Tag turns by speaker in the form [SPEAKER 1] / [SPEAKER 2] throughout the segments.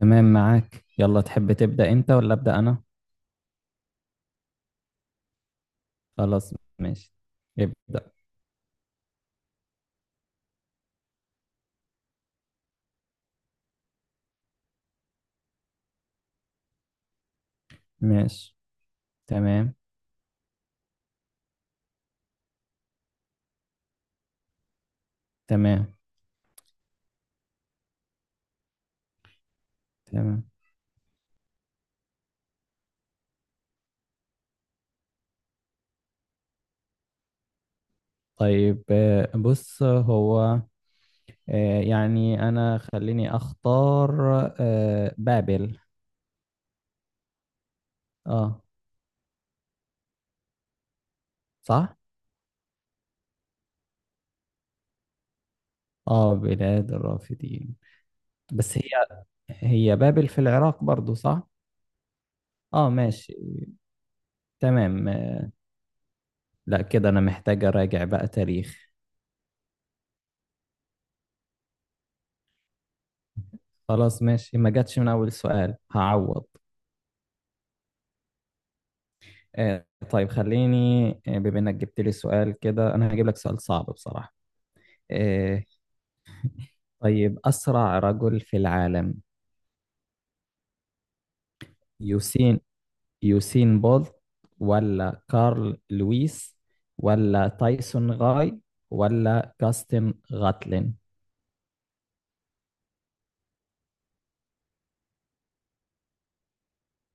[SPEAKER 1] تمام معاك. يلا، تحب تبدأ انت ولا أبدأ انا؟ خلاص ماشي. ابدأ. ماشي. تمام. تمام. تمام. طيب بص هو، يعني انا خليني اختار. بابل. اه، صح. اه، بلاد الرافدين. بس هي، هي بابل في العراق برضو، صح؟ اه ماشي. تمام. لا، كده انا محتاج اراجع بقى تاريخ. خلاص ماشي، ما جاتش من اول سؤال هعوض. طيب خليني، بما انك جبت لي سؤال كده انا هجيب لك سؤال صعب بصراحة. آه، طيب، اسرع رجل في العالم؟ يوسين، يوسين بولت، ولا كارل لويس، ولا تايسون غاي، ولا جاستن غاتلين؟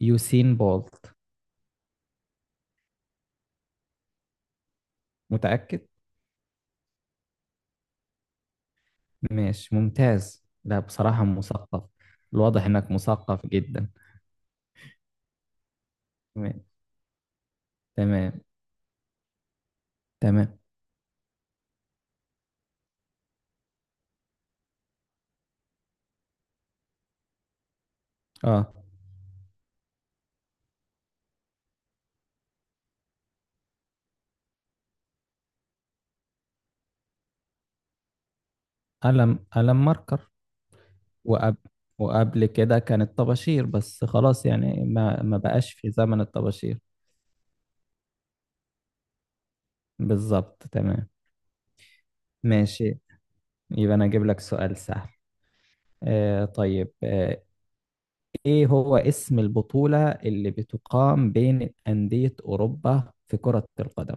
[SPEAKER 1] يوسين بولت. متأكد. ماشي ممتاز. لا بصراحة مثقف، الواضح انك مثقف جدا. تمام. تمام. تمام. اه، ألم ماركر. وقبل وقبل كده كانت طباشير، بس خلاص يعني ما بقاش في زمن الطباشير. بالظبط تمام. ماشي، يبقى انا اجيب لك سؤال سهل. آه طيب آه، ايه هو اسم البطولة اللي بتقام بين أندية أوروبا في كرة القدم؟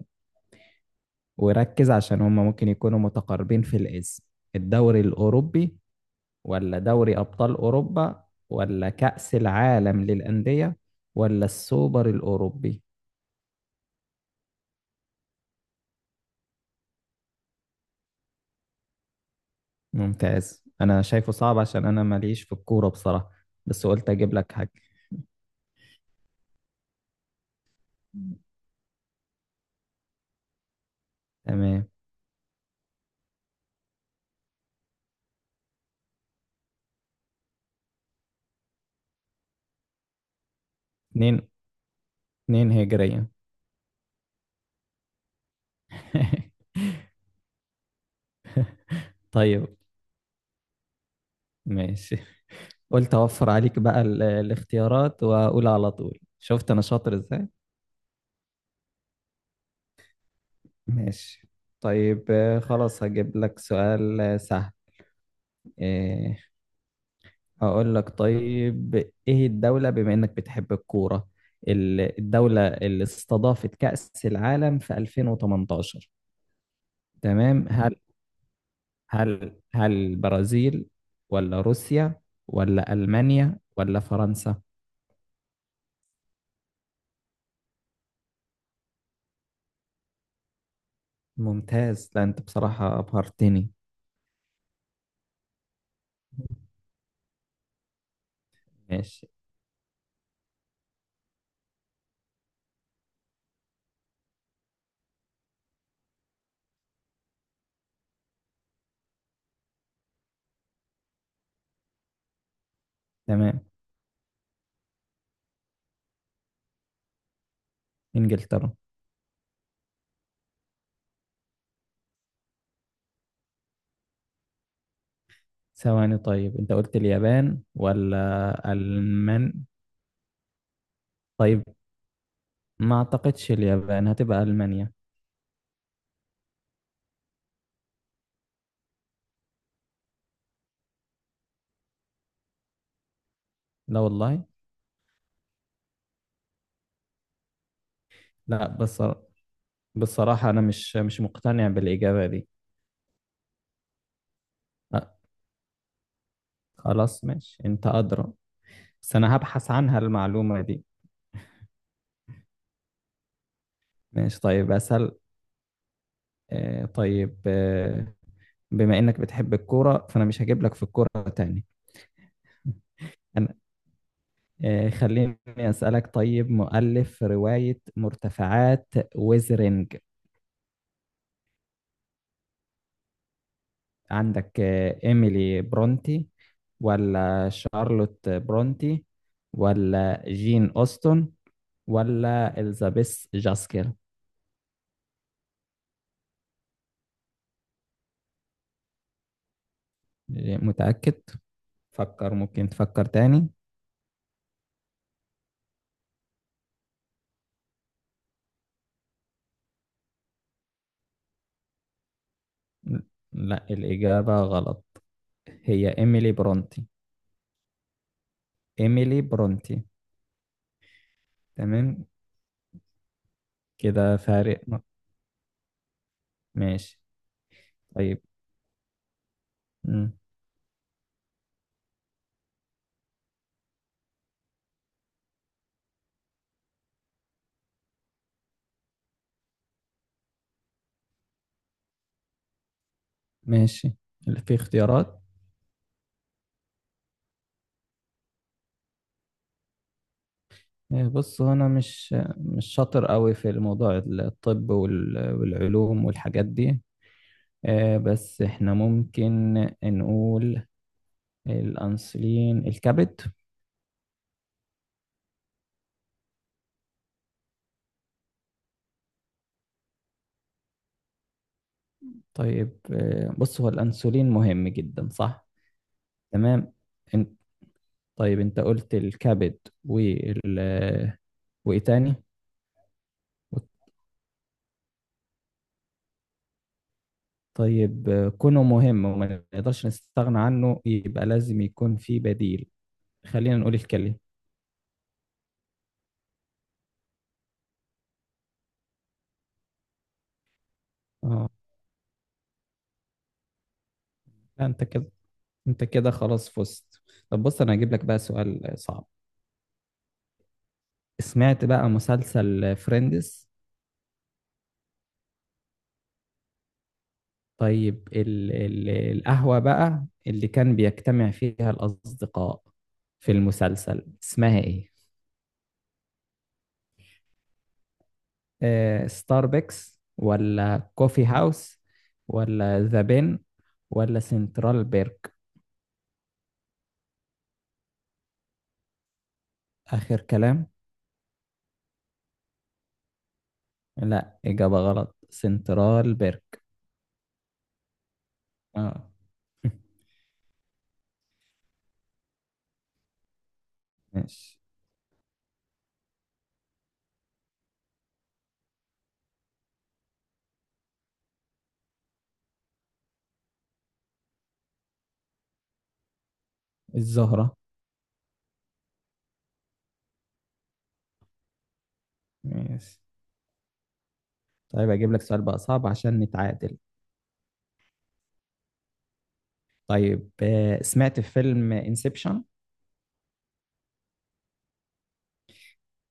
[SPEAKER 1] وركز عشان هما ممكن يكونوا متقاربين في الاسم. الدوري الأوروبي، ولا دوري أبطال أوروبا، ولا كأس العالم للأندية، ولا السوبر الأوروبي؟ ممتاز انا شايفه صعب عشان انا ماليش في الكورة بصراحة بس قلت اجيب لك حاجة تمام اتنين اتنين هجرية طيب ماشي قلت اوفر عليك بقى ال- الاختيارات واقول على طول شفت انا شاطر ازاي ماشي طيب آه، خلاص هجيب لك سؤال آه، سهل إيه هقول لك طيب ايه الدولة بما انك بتحب الكورة ال- الدولة اللي استضافت كأس العالم في 2018 تمام هل هل هل البرازيل ولا روسيا ولا ألمانيا ولا فرنسا ممتاز. لا انت بصراحة ابهرتني. ماشي. تمام. انجلترا. ثواني، طيب انت قلت اليابان ولا المان؟ طيب ما اعتقدش اليابان هتبقى المانيا. لا والله. لا بس بصراحة انا مش مقتنع بالإجابة دي. أه خلاص ماشي، انت أدرى، بس انا هبحث عنها المعلومة دي. ماشي. طيب اسأل. آه طيب بما انك بتحب الكوره فانا مش هجيب لك في الكوره تاني. انا خليني اسالك، طيب مؤلف روايه مرتفعات ويزرينج؟ عندك ايميلي برونتي، ولا شارلوت برونتي، ولا جين اوستن، ولا اليزابيث جاسكيل؟ متاكد؟ فكر، ممكن تفكر تاني. لا الاجابه غلط، هي ايميلي برونتي. ايميلي برونتي. تمام. كده فارق. ماشي. طيب. مم. ماشي. في اختيارات؟ إيه، بص هو انا مش شاطر قوي في الموضوع الطب والعلوم والحاجات دي. بس احنا ممكن نقول الانسولين الكبد. طيب بص هو الانسولين مهم جدا، صح؟ تمام. انت، طيب انت قلت الكبد وال، وايه تاني؟ طيب كونه مهم وما نقدرش نستغنى عنه يبقى لازم يكون في بديل. خلينا نقول الكلي. اه. لا انت كده، انت كده خلاص فزت. طب بص انا هجيب لك بقى سؤال صعب. سمعت بقى مسلسل فريندز؟ طيب ال ال القهوة بقى اللي كان بيجتمع فيها الأصدقاء في المسلسل اسمها ايه؟ آه، ستاربكس، ولا كوفي هاوس، ولا ذا بين، ولا سنترال بيرك؟ آخر كلام. لا إجابة غلط، سنترال بيرك. اه. ماشي. الزهرة. ماشي. طيب اجيب لك سؤال بقى صعب عشان نتعادل. طيب سمعت فيلم انسبشن؟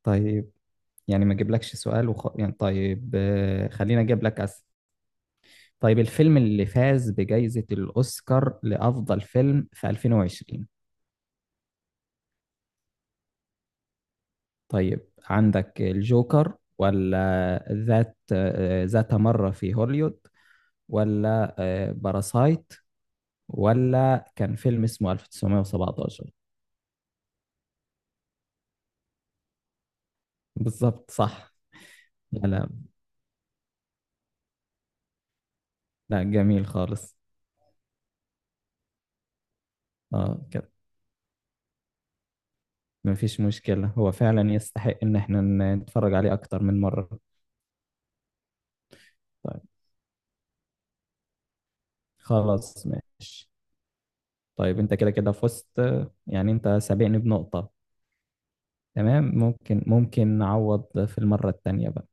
[SPEAKER 1] طيب يعني ما اجيبلكش سؤال وخ... يعني طيب خلينا اجيب لك أسئلة. طيب الفيلم اللي فاز بجائزة الأوسكار لأفضل فيلم في 2020؟ طيب عندك الجوكر، ولا ذات ذات مرة في هوليوود، ولا باراسايت، ولا كان فيلم اسمه 1917؟ بالظبط صح. لا لا، لا جميل خالص. اه كده، مفيش مشكلة، هو فعلا يستحق ان احنا نتفرج عليه اكتر من مرة. طيب، خلاص ماشي. طيب انت كده كده فزت، يعني انت سابقني بنقطة. تمام، ممكن ممكن نعوض في المرة التانية بقى.